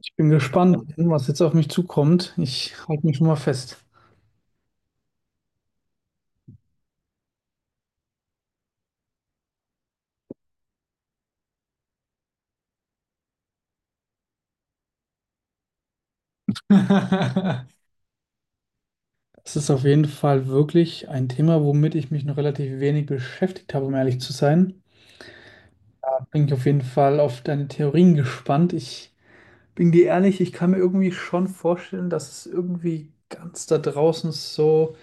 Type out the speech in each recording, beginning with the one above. Ich bin gespannt, was jetzt auf mich zukommt. Ich halte mich schon mal fest. Es ist auf jeden Fall wirklich ein Thema, womit ich mich noch relativ wenig beschäftigt habe, um ehrlich zu sein. Da bin ich auf jeden Fall auf deine Theorien gespannt. Ich bin dir ehrlich, ich kann mir irgendwie schon vorstellen, dass es irgendwie ganz da draußen so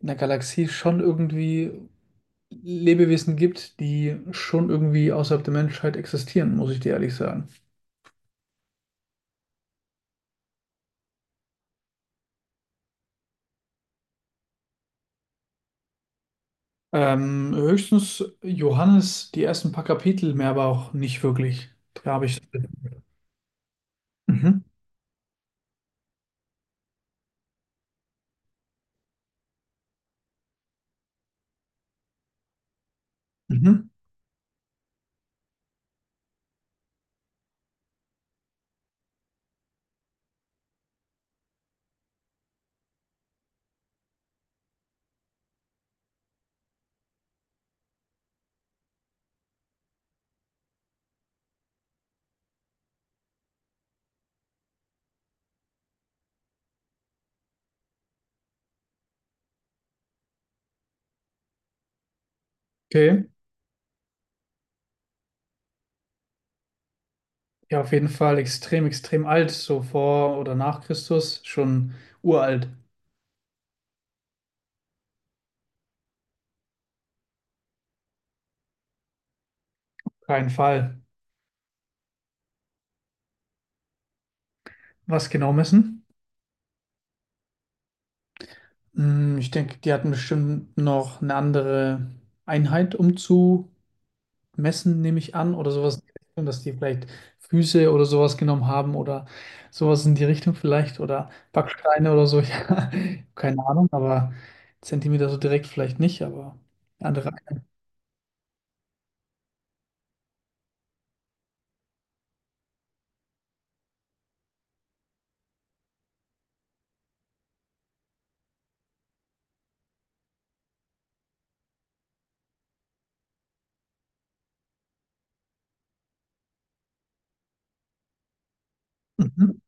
in der Galaxie schon irgendwie Lebewesen gibt, die schon irgendwie außerhalb der Menschheit existieren, muss ich dir ehrlich sagen. Höchstens Johannes, die ersten paar Kapitel, mehr aber auch nicht wirklich. Da habe ich. Mhm. Mhm. Okay. Ja, auf jeden Fall extrem, extrem alt, so vor oder nach Christus, schon uralt. Kein Fall. Was genau messen? Ich denke, die hatten bestimmt noch eine andere Einheit, um zu messen, nehme ich an, oder sowas in die Richtung, dass die vielleicht Füße oder sowas genommen haben oder sowas in die Richtung vielleicht oder Backsteine oder so. Ja, keine Ahnung, aber Zentimeter so direkt vielleicht nicht, aber andere. Mhm.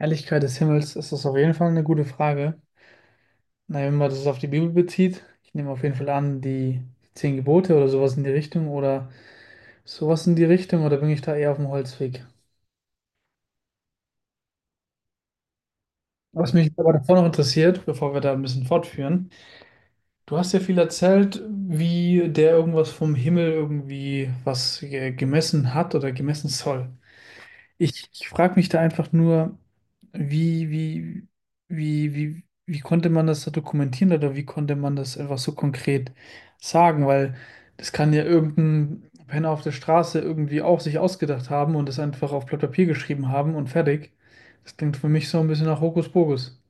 Helligkeit des Himmels ist das auf jeden Fall eine gute Frage. Na, wenn man das auf die Bibel bezieht, ich nehme auf jeden Fall an, die zehn Gebote oder sowas in die Richtung oder sowas in die Richtung, oder bin ich da eher auf dem Holzweg? Was mich aber davor noch interessiert, bevor wir da ein bisschen fortführen, du hast ja viel erzählt, wie der irgendwas vom Himmel irgendwie was gemessen hat oder gemessen soll. Ich frage mich da einfach nur, wie, wie, wie konnte man das da dokumentieren oder wie konnte man das einfach so konkret sagen? Weil das kann ja irgendein Penner auf der Straße irgendwie auch sich ausgedacht haben und das einfach auf Blatt Papier geschrieben haben und fertig. Das klingt für mich so ein bisschen nach Hokuspokus.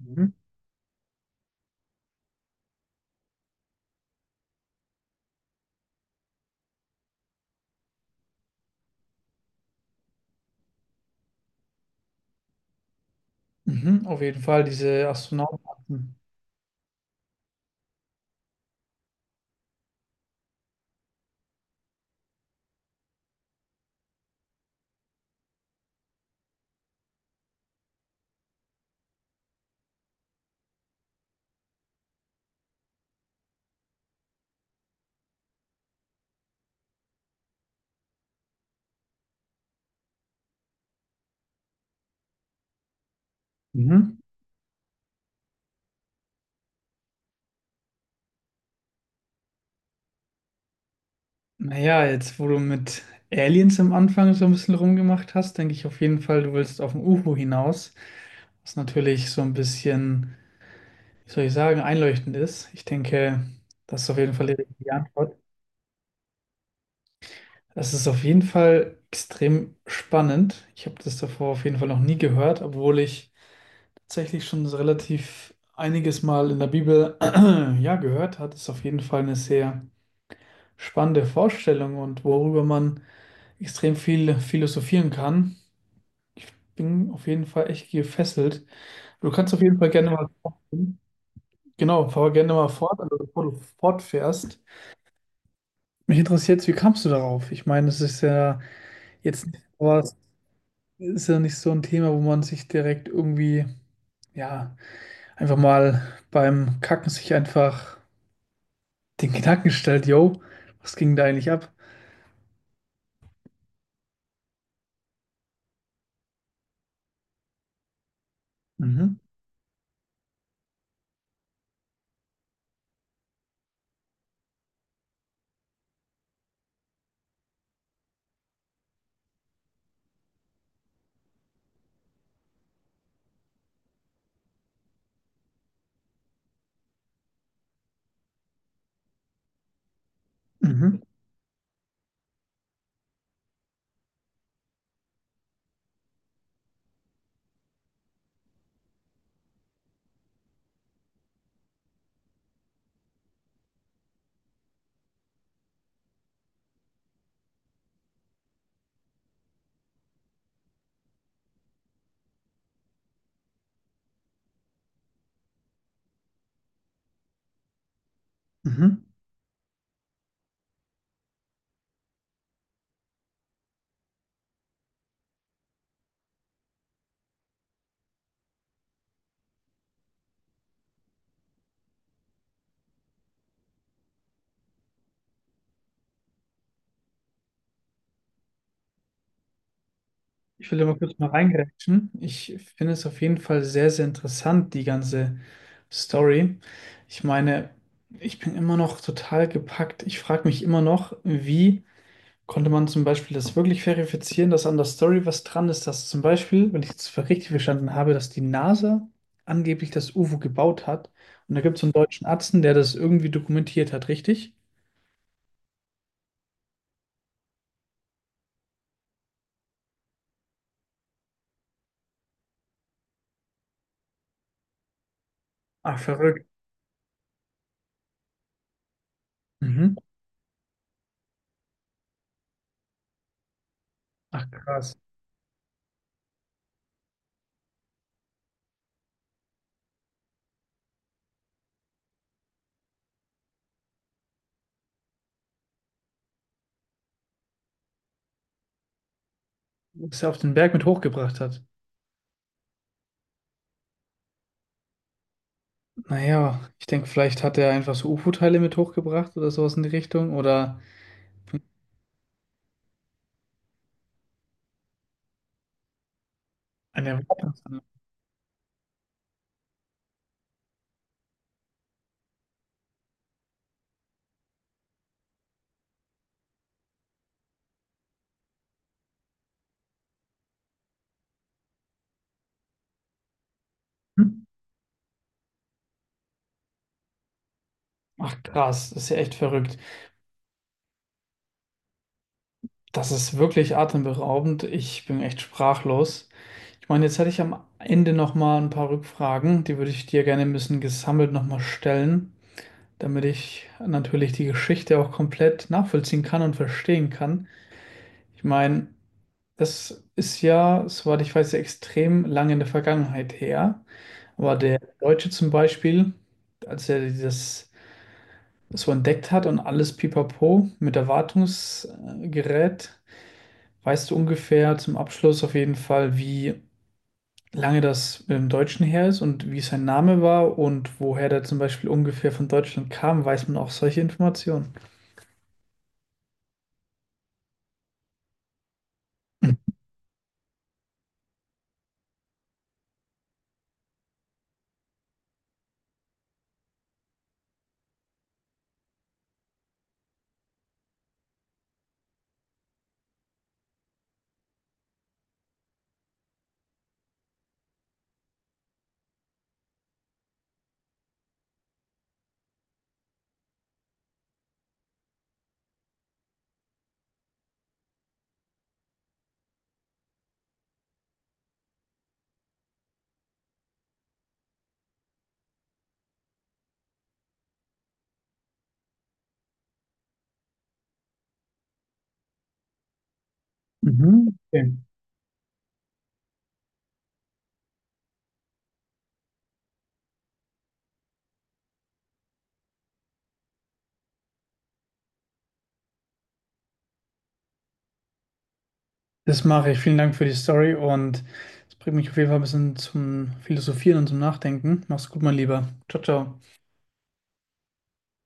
Mhm. Mhm, auf jeden Fall, diese Astronautenakten. Mhm. Naja, jetzt wo du mit Aliens am Anfang so ein bisschen rumgemacht hast, denke ich auf jeden Fall, du willst auf ein UFO hinaus, was natürlich so ein bisschen, wie soll ich sagen, einleuchtend ist. Ich denke, das ist auf jeden Fall die richtige Antwort. Das ist auf jeden Fall extrem spannend. Ich habe das davor auf jeden Fall noch nie gehört, obwohl ich tatsächlich schon so relativ einiges Mal in der Bibel ja gehört hat. Ist auf jeden Fall eine sehr spannende Vorstellung und worüber man extrem viel philosophieren kann. Bin auf jeden Fall echt gefesselt. Du kannst auf jeden Fall gerne mal fortfahren. Genau, fahr gerne mal fort, also bevor du fortfährst. Mich interessiert jetzt, wie kamst du darauf? Ich meine, es ist ja jetzt nicht, ist ja nicht so ein Thema, wo man sich direkt irgendwie, ja, einfach mal beim Kacken sich einfach den Gedanken stellt, yo, was ging da eigentlich ab? Mhm, mhm, mhm. Ich will da mal kurz mal reingrätschen. Ich finde es auf jeden Fall sehr, sehr interessant, die ganze Story. Ich meine, ich bin immer noch total gepackt. Ich frage mich immer noch, wie konnte man zum Beispiel das wirklich verifizieren, dass an der Story was dran ist, dass zum Beispiel, wenn ich es richtig verstanden habe, dass die NASA angeblich das UFO gebaut hat. Und da gibt es so einen deutschen Arzt, der das irgendwie dokumentiert hat, richtig? Ach, verrückt. Mhm. Ach, krass. Dass er auf den Berg mit hochgebracht hat. Naja, ich denke, vielleicht hat er einfach so UFO-Teile mit hochgebracht oder sowas in die Richtung. Oder eine. Ach krass, das ist ja echt verrückt. Das ist wirklich atemberaubend. Ich bin echt sprachlos. Ich meine, jetzt hätte ich am Ende noch mal ein paar Rückfragen, die würde ich dir gerne ein bisschen gesammelt noch mal stellen, damit ich natürlich die Geschichte auch komplett nachvollziehen kann und verstehen kann. Ich meine, das ist ja, soweit ich weiß, extrem lange in der Vergangenheit her. Aber der Deutsche zum Beispiel, als er das so entdeckt hat und alles pipapo mit Erwartungsgerät, weißt du ungefähr zum Abschluss auf jeden Fall, wie lange das im Deutschen her ist und wie sein Name war und woher der zum Beispiel ungefähr von Deutschland kam? Weiß man auch solche Informationen? Mhm. Okay. Das mache ich. Vielen Dank für die Story und es bringt mich auf jeden Fall ein bisschen zum Philosophieren und zum Nachdenken. Mach's gut, mein Lieber. Ciao, ciao.